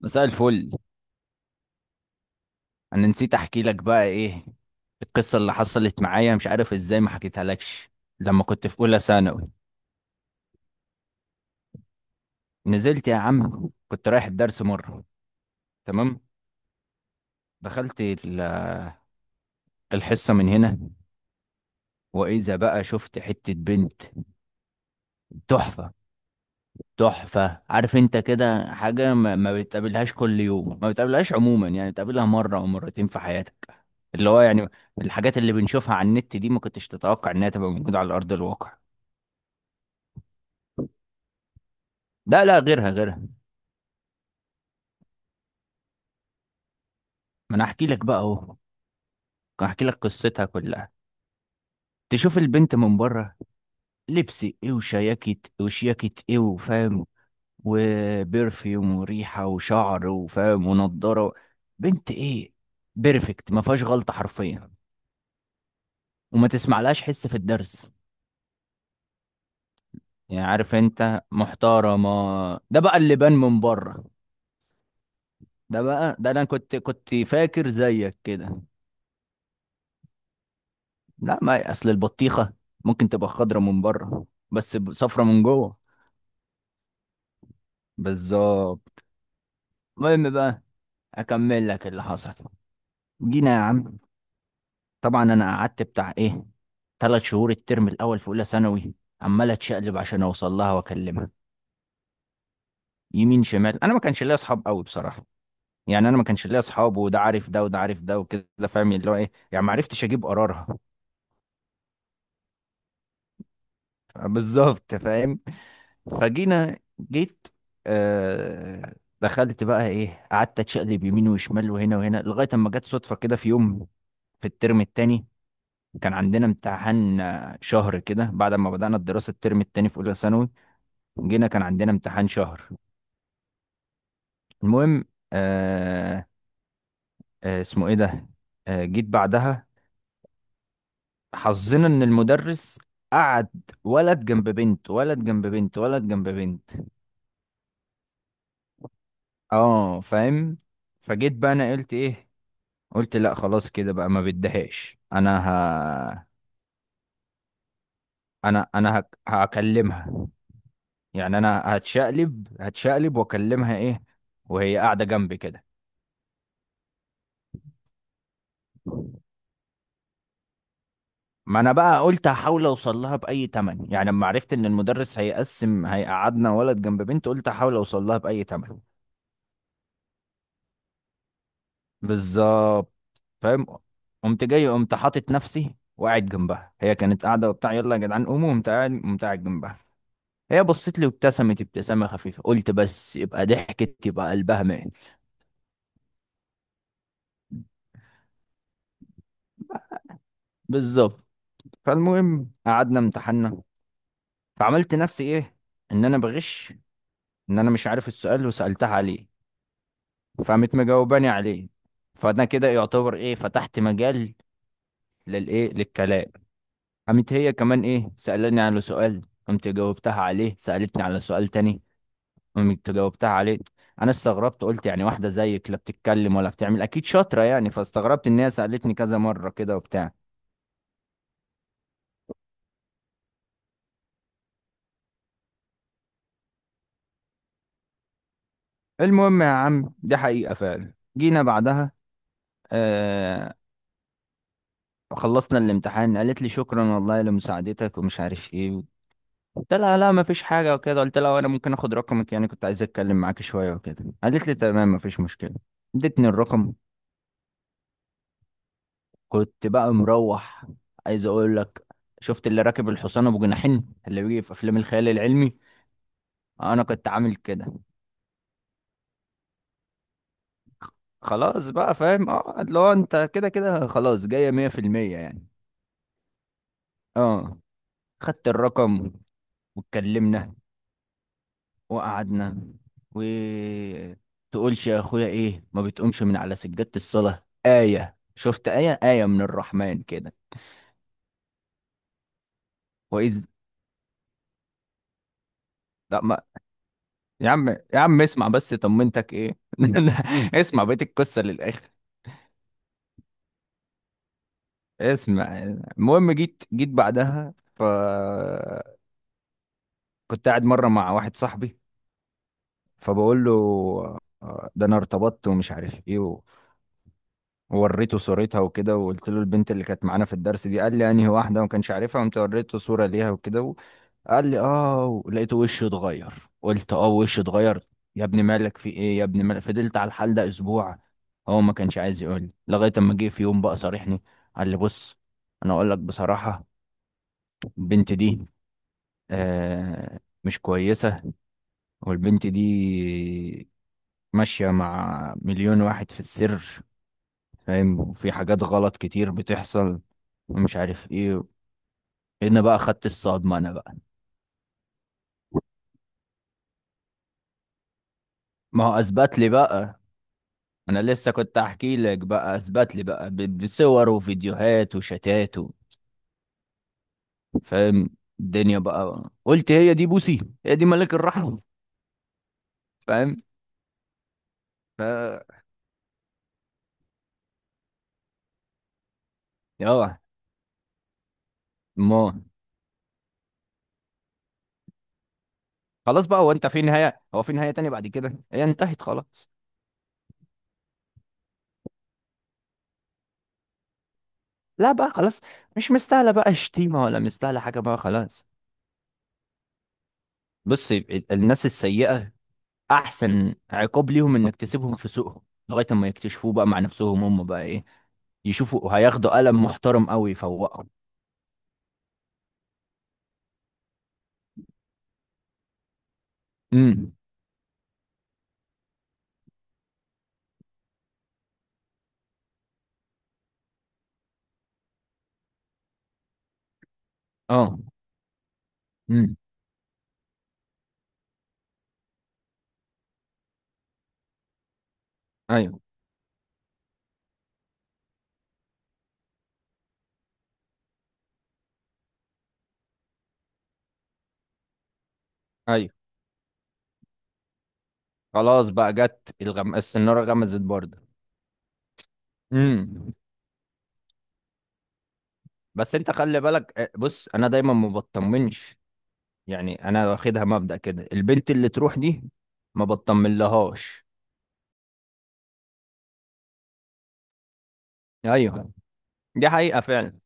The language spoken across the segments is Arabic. مساء الفل. انا نسيت احكي لك بقى ايه القصه اللي حصلت معايا، مش عارف ازاي ما حكيتها لكش. لما كنت في اولى ثانوي نزلت يا عم، كنت رايح الدرس مره. تمام، دخلت ال- الحصه من هنا واذا بقى شفت حته بنت تحفه. تحفه، عارف انت كده؟ حاجه ما بتقابلهاش كل يوم، ما بتقابلهاش عموما، يعني بتقابلها مره او مرتين في حياتك. اللي هو يعني الحاجات اللي بنشوفها على النت دي ما كنتش تتوقع انها تبقى موجوده على ارض الواقع. ده لا، غيرها غيرها. ما انا احكي لك بقى اهو، احكي لك قصتها كلها. تشوف البنت من بره، لبس ايه وشياكت، وشياكت ايه وفاهم، وبرفيوم وريحه وشعر وفاهم ونضاره. بنت ايه؟ بيرفكت، ما فيهاش غلطه حرفيا. وما تسمعلهاش حس في الدرس، يعني عارف انت، محترمه. ده بقى اللي بان من بره. ده بقى، ده انا كنت فاكر زيك كده. لا، ما اصل البطيخه ممكن تبقى خضره من بره بس صفرة من جوه. بالظبط. المهم بقى اكمل لك اللي حصل. جينا يا عم، طبعا انا قعدت بتاع ايه، ثلاث شهور الترم الاول في اولى ثانوي عمال اتشقلب عشان اوصل لها واكلمها. يمين شمال، انا ما كانش ليا اصحاب قوي بصراحه. يعني انا ما كانش ليا اصحاب، وده عارف ده وده عارف ده وكده، فاهم اللي هو ايه، يعني ما عرفتش اجيب قرارها. بالظبط، فاهم. فجينا، جيت، آه دخلت بقى ايه، قعدت اتشقلب يمين وشمال وهنا وهنا لغايه اما جت صدفه كده في يوم، في الترم التاني كان عندنا امتحان، شهر كده بعد ما بدأنا الدراسة الترم التاني في أولى ثانوي. جينا كان عندنا امتحان شهر. المهم، آه اسمه إيه ده، جيت بعدها. حظنا إن المدرس قعد ولد جنب بنت، ولد جنب بنت، ولد جنب بنت. اه فاهم. فجيت بقى انا قلت ايه، قلت لا خلاص كده بقى، ما بدهاش. هكلمها. يعني انا هتشقلب هتشقلب واكلمها ايه وهي قاعده جنبي كده. ما انا بقى قلت هحاول اوصل لها باي تمن، يعني لما عرفت ان المدرس هيقسم هيقعدنا ولد جنب بنت قلت هحاول اوصل لها باي تمن. بالظبط، فاهم. قمت جاي، قمت حاطط نفسي وقاعد جنبها. هي كانت قاعده وبتاع يلا يا جدعان قوموا، قمت قاعد، قمت قاعد جنبها. هي بصت لي وابتسمت ابتسامه خفيفه، قلت بس يبقى ضحكت يبقى قلبها مات. بالظبط. فالمهم قعدنا امتحنا. فعملت نفسي ايه، ان انا بغش، ان انا مش عارف السؤال وسالتها عليه. فقامت مجاوباني عليه. فانا كده يعتبر ايه، فتحت مجال للايه، للكلام. قامت هي كمان ايه سالاني على سؤال، قمت جاوبتها عليه، سالتني على سؤال تاني، قمت جاوبتها عليه. انا استغربت، قلت يعني واحده زيك لا بتتكلم ولا بتعمل، اكيد شاطره يعني. فاستغربت ان هي سالتني كذا مره كده وبتاع. المهم يا عم دي حقيقه فعلا. جينا بعدها، آه خلصنا الامتحان. قالت لي شكرا والله لمساعدتك ومش عارف ايه. قلت لها لا ما فيش حاجة وكده، قلت لها وانا ممكن اخد رقمك؟ يعني كنت عايز اتكلم معاك شوية وكده. قالت لي تمام ما فيش مشكلة، ادتني الرقم. كنت بقى مروح، عايز اقول لك، شفت اللي راكب الحصان ابو جناحين اللي بيجي في افلام الخيال العلمي؟ انا كنت عامل كده. خلاص بقى فاهم، اه اللي هو انت كده كده خلاص، جاية مية في المية يعني. اه خدت الرقم، واتكلمنا، وقعدنا، و تقولش يا اخويا ايه ما بتقومش من على سجادة الصلاة. آية، شفت آية، آية من الرحمن كده. وإذ، لا ما، يا عم يا عم اسمع بس طمنتك ايه. اسمع بقية القصة للآخر. اسمع. المهم جيت جيت بعدها، ف كنت قاعد مرة مع واحد صاحبي. فبقول له، ده انا ارتبطت ومش عارف ايه. ووريته صورتها وكده، وقلت له البنت اللي كانت معانا في الدرس دي. قال لي انهي واحده وما كانش عارفها. قمت وريته صوره ليها وكده، وقال لي اه، لقيته وشه اتغير. قلت اه وشه اتغير. يا ابني مالك؟ في ايه يا ابني مالك؟ فضلت على الحال ده اسبوع. هو ما كانش عايز يقول لي لغايه اما جه في يوم بقى صارحني. قال لي بص، انا اقول لك بصراحه، البنت دي مش كويسه. والبنت دي ماشيه مع مليون واحد في السر، فاهم، وفي حاجات غلط كتير بتحصل ومش عارف ايه. هنا بقى خدت الصدمة انا بقى. ما هو اثبت لي بقى، انا لسه كنت احكي لك بقى، اثبت لي بقى بصور وفيديوهات وشتات و... فاهم. الدنيا بقى قلت هي دي بوسي، هي دي ملك الرحمة، فاهم. ف اه، ما خلاص بقى، هو انت في نهاية، هو في نهاية تانية بعد كده هي انتهت خلاص. لا بقى خلاص، مش مستاهلة بقى شتيمة ولا مستاهلة حاجة بقى خلاص. بص الناس السيئة احسن عقاب ليهم انك تسيبهم في سوقهم لغايه اما يكتشفوه بقى مع نفسهم هم بقى ايه، يشوفوا هياخدوا قلم محترم قوي يفوقهم. امم، اه، امم، ايوه ايوه. خلاص بقى جت السناره غمزت برضه. امم. بس انت خلي بالك، بص انا دايما ما بطمنش. يعني انا واخدها مبدأ كده، البنت اللي تروح دي ما بطمنلهاش. ايوه دي حقيقه فعلا.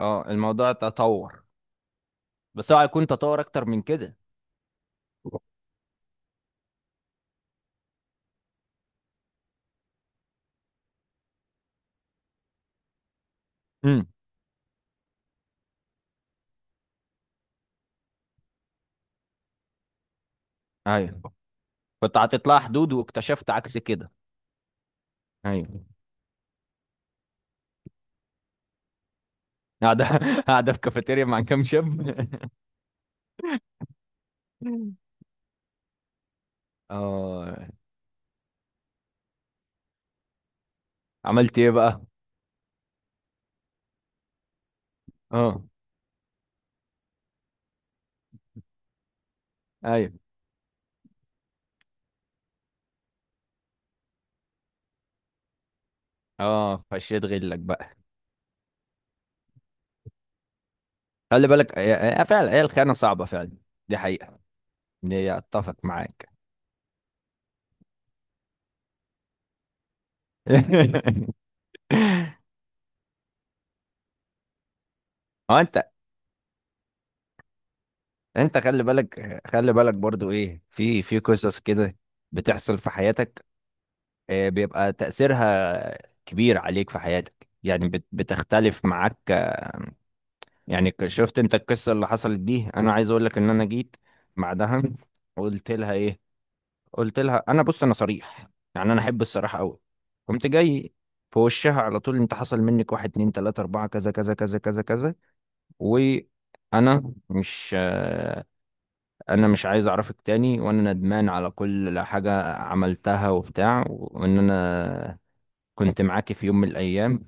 اه الموضوع تطور. بس هو هيكون تطور اكتر من كده. امم، ايوه، كنت حاطط لها حدود واكتشفت عكس كده. ايوه، قاعدة قاعدة في كافيتيريا مع كام شاب. اه عملت ايه بقى؟ اه ايوه، اه فشيت غلك بقى. خلي بالك، هي فعلا هي الخيانة صعبة فعلا. دي حقيقة. دي هي، اتفق معاك. هو انت، انت خلي بالك خلي بالك برضو ايه، في قصص كده بتحصل في حياتك. بيبقى تأثيرها كبير عليك في حياتك. يعني بتختلف معاك، يعني شفت انت القصة اللي حصلت دي؟ انا عايز اقول لك ان انا جيت بعدها قلت لها ايه، قلت لها انا بص انا صريح، يعني انا احب الصراحة قوي. قمت جاي في وشها على طول، انت حصل منك واحد اتنين تلاتة اربعة كذا كذا كذا كذا كذا. وانا مش انا مش عايز اعرفك تاني، وانا ندمان على كل حاجة عملتها وبتاع، وان انا كنت معاكي في يوم من الايام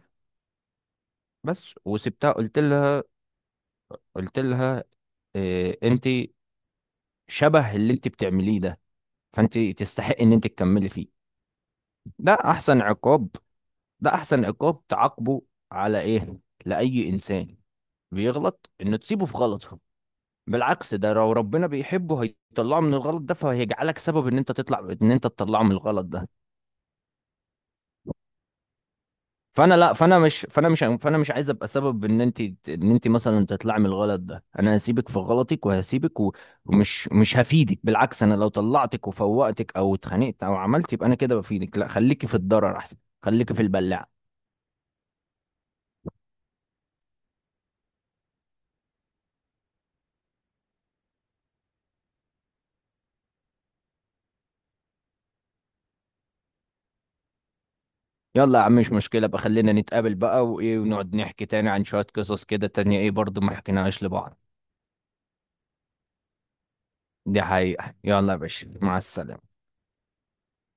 بس. وسبتها، قلت لها، قلت لها، انت شبه اللي انت بتعمليه ده، فانت تستحق ان انت تكملي فيه. ده احسن عقاب، ده احسن عقاب تعاقبه على ايه لاي انسان بيغلط، ان تسيبه في غلطه. بالعكس ده لو ربنا بيحبه هيطلعه من الغلط ده، فهيجعلك سبب ان انت تطلع، ان انت تطلعه من الغلط ده. فانا لا فانا مش فانا مش فانا مش عايز ابقى سبب ان انت، ان انت مثلا تطلعي من الغلط ده. انا هسيبك في غلطك، ومش مش هفيدك. بالعكس انا لو طلعتك وفوقتك او اتخانقت او عملت، يبقى انا كده بفيدك. لا خليكي في الضرر احسن، خليكي في البلاعه. يلا يا عم مش مشكله بقى، خلينا نتقابل بقى وايه، ونقعد نحكي تاني عن شويه قصص كده تانية ايه برضو ما حكيناهاش لبعض. دي حقيقه. يلا يا باشا مع السلامه.